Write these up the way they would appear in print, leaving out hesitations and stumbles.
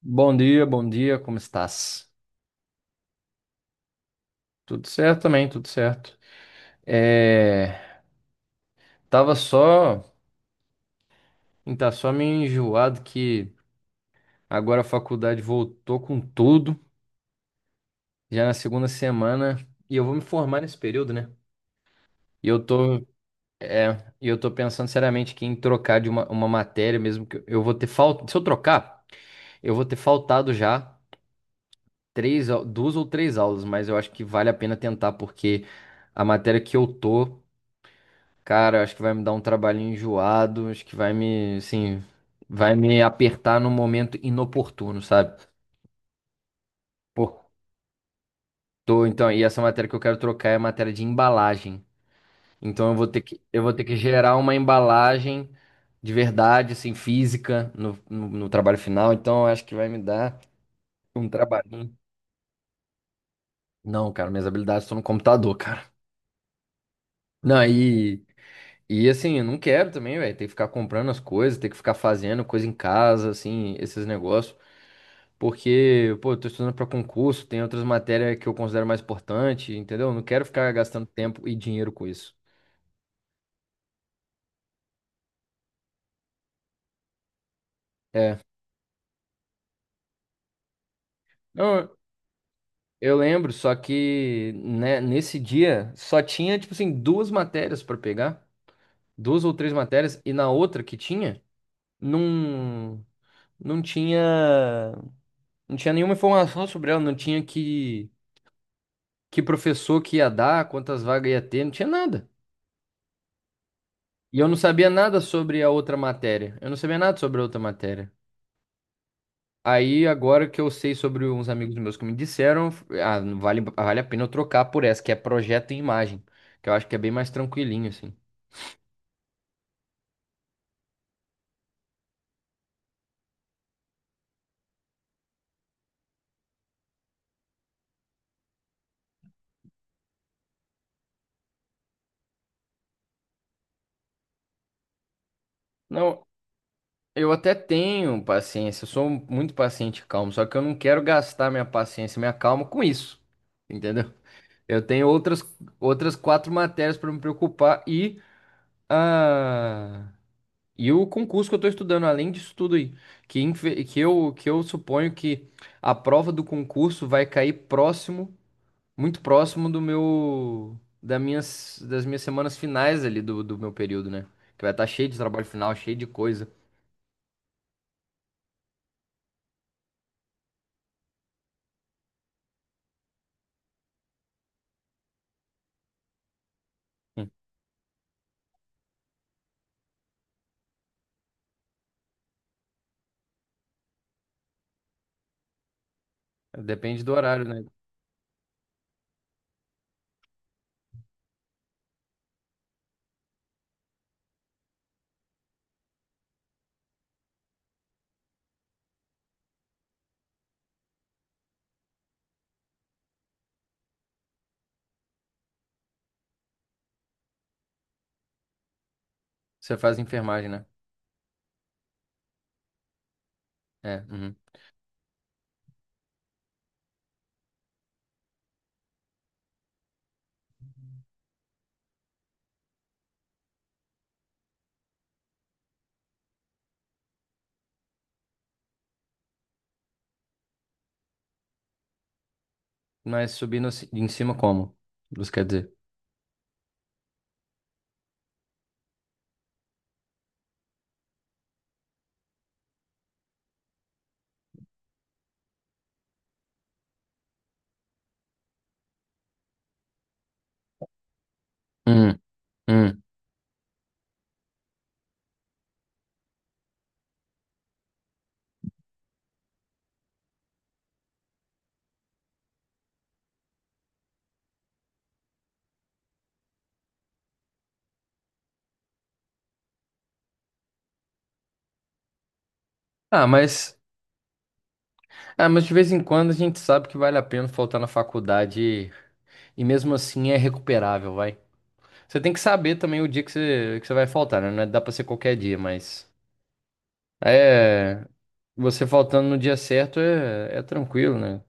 Bom dia, como estás? Tudo certo também, tudo certo. É, tava só, tá só meio enjoado que agora a faculdade voltou com tudo, já na segunda semana, e eu vou me formar nesse período, né? E eu tô, é, e eu tô pensando seriamente que em trocar de uma matéria, mesmo que eu vou ter falta. Se eu trocar, eu vou ter faltado já duas ou três aulas, mas eu acho que vale a pena tentar, porque a matéria que eu tô cara, eu acho que vai me dar um trabalhinho enjoado. Acho que vai me, assim, vai me apertar num momento inoportuno, sabe? Pô, tô, então, e essa matéria que eu quero trocar é a matéria de embalagem. Então eu vou ter que gerar uma embalagem de verdade, assim, física no trabalho final. Então eu acho que vai me dar um trabalhinho. Não, cara, minhas habilidades estão no computador, cara. Não, e assim, eu não quero também, velho, ter que ficar comprando as coisas, ter que ficar fazendo coisa em casa, assim, esses negócios. Porque, pô, eu tô estudando para concurso, tem outras matérias que eu considero mais importante, entendeu? Não quero ficar gastando tempo e dinheiro com isso. É. Não, eu lembro, só que, né, nesse dia só tinha, tipo assim, duas matérias para pegar, duas ou três matérias. E na outra que tinha, não, não tinha, não tinha nenhuma informação sobre ela. Não tinha que professor que ia dar, quantas vagas ia ter, não tinha nada. E eu não sabia nada sobre a outra matéria. Eu não sabia nada sobre a outra matéria. Aí, agora que eu sei sobre uns amigos meus que me disseram, ah, vale a pena eu trocar por essa, que é projeto e imagem, que eu acho que é bem mais tranquilinho, assim. Não, eu até tenho paciência, eu sou muito paciente e calmo, só que eu não quero gastar minha paciência e minha calma com isso, entendeu? Eu tenho outras quatro matérias para me preocupar ah, e o concurso que eu estou estudando, além disso tudo aí, que eu suponho que a prova do concurso vai cair próximo. Muito próximo do meu da minhas das minhas semanas finais ali do meu período, né? Que vai estar cheio de trabalho final, cheio de coisa. Hum. Depende do horário, né? Você faz enfermagem, né? É, uhum. Mas subindo em cima como? Isso quer dizer. Hum, hum. Ah, mas ah, mas de vez em quando a gente sabe que vale a pena faltar na faculdade e mesmo assim é recuperável, vai. Você tem que saber também o dia que você vai faltar, né? Não é- dá pra ser qualquer dia, mas é, você faltando no dia certo é tranquilo, né?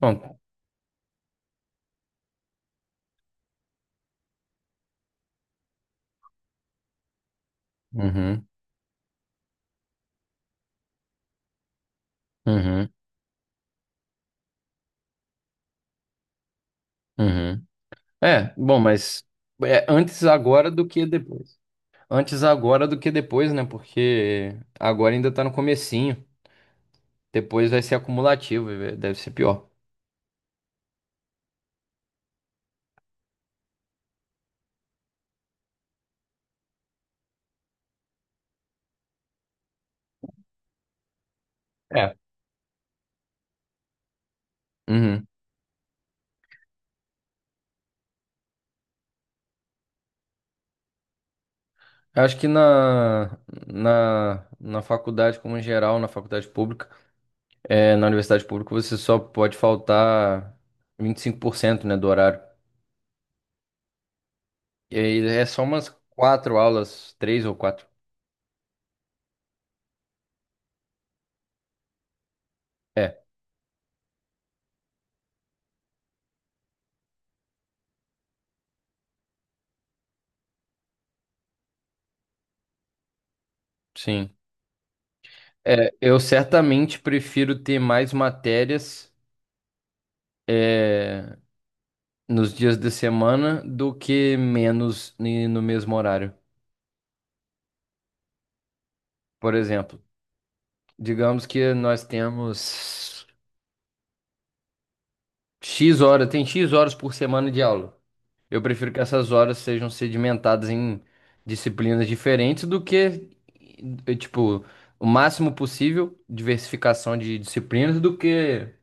Bom, uhum, uhum, uhum. É, bom, mas é antes agora do que depois. Antes agora do que depois, né? Porque agora ainda tá no comecinho. Depois vai ser acumulativo, e deve ser pior. É. Uhum. Eu acho que na faculdade, como em geral, na faculdade pública, na universidade pública, você só pode faltar 25%, né, do horário. E aí, é só umas quatro aulas, três ou quatro. É, sim. É, eu certamente prefiro ter mais matérias, é, nos dias de semana do que menos no mesmo horário. Por exemplo, digamos que nós temos X horas, tem X horas por semana de aula. Eu prefiro que essas horas sejam sedimentadas em disciplinas diferentes do que, tipo, o máximo possível diversificação de disciplinas do que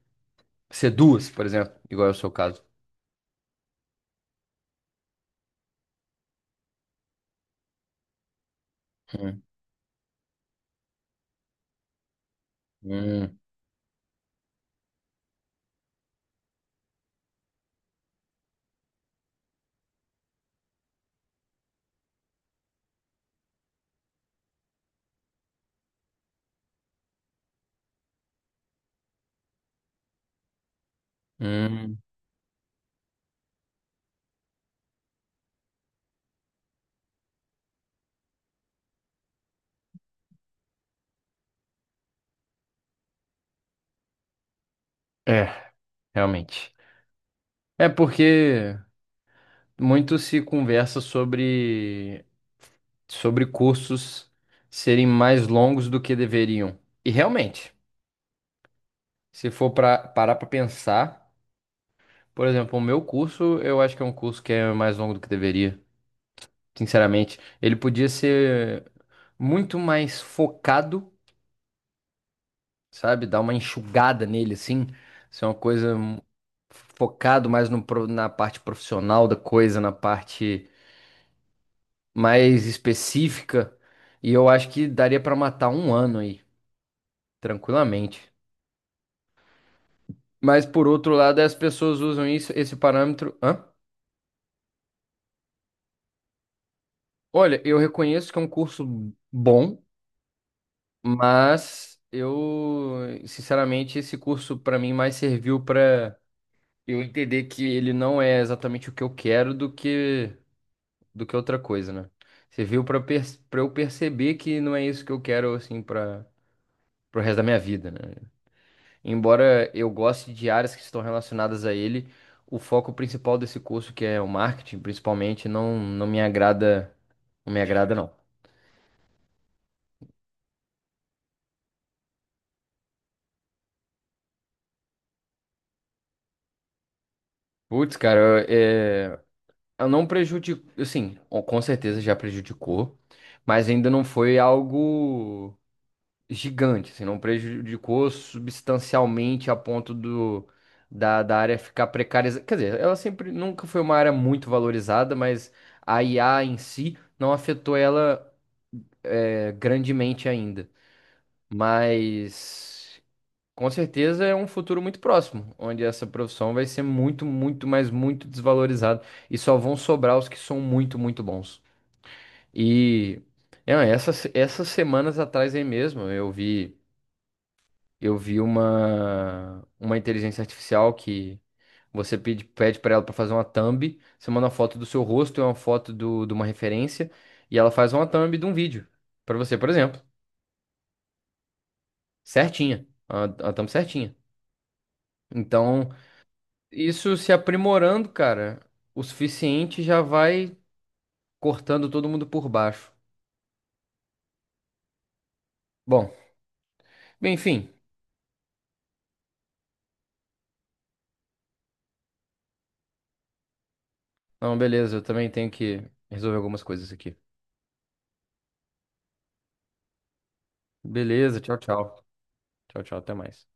ser duas, por exemplo, igual é o seu caso. Hum, hum, hum. É, realmente. É porque muito se conversa sobre cursos serem mais longos do que deveriam. E realmente, se for para parar para pensar, por exemplo, o meu curso, eu acho que é um curso que é mais longo do que deveria, sinceramente. Ele podia ser muito mais focado, sabe? Dar uma enxugada nele, assim. Ser uma coisa, focado mais no, pro- na parte profissional da coisa, na parte mais específica. E eu acho que daria pra matar um ano aí, tranquilamente. Mas, por outro lado, as pessoas usam isso, esse parâmetro. Hã? Olha, eu reconheço que é um curso bom, mas eu, sinceramente, esse curso pra mim mais serviu pra eu entender que ele não é exatamente o que eu quero do que outra coisa, né? Serviu para eu perceber que não é isso que eu quero, assim, para pro resto da minha vida, né? Embora eu goste de áreas que estão relacionadas a ele, o foco principal desse curso, que é o marketing, principalmente, não não me agrada, não me agrada não. Putz, cara, eu, é, eu não prejudico, assim, com certeza já prejudicou, mas ainda não foi algo gigante, assim, não prejudicou substancialmente a ponto da área ficar precarizada. Quer dizer, ela sempre nunca foi uma área muito valorizada, mas a IA em si não afetou ela, grandemente, ainda. Mas com certeza é um futuro muito próximo, onde essa profissão vai ser muito, muito, mas muito desvalorizada, e só vão sobrar os que são muito, muito bons. E é, essas semanas atrás aí mesmo eu vi. Eu vi uma inteligência artificial que você pede para ela para fazer uma thumb. Você manda uma foto do seu rosto e uma foto de uma referência, e ela faz uma thumb de um vídeo para você, por exemplo, certinha, a thumb certinha. Então, isso se aprimorando, cara, o suficiente, já vai cortando todo mundo por baixo. Bom, bem, enfim. Não, beleza, eu também tenho que resolver algumas coisas aqui. Beleza, tchau, tchau. Tchau, tchau, até mais.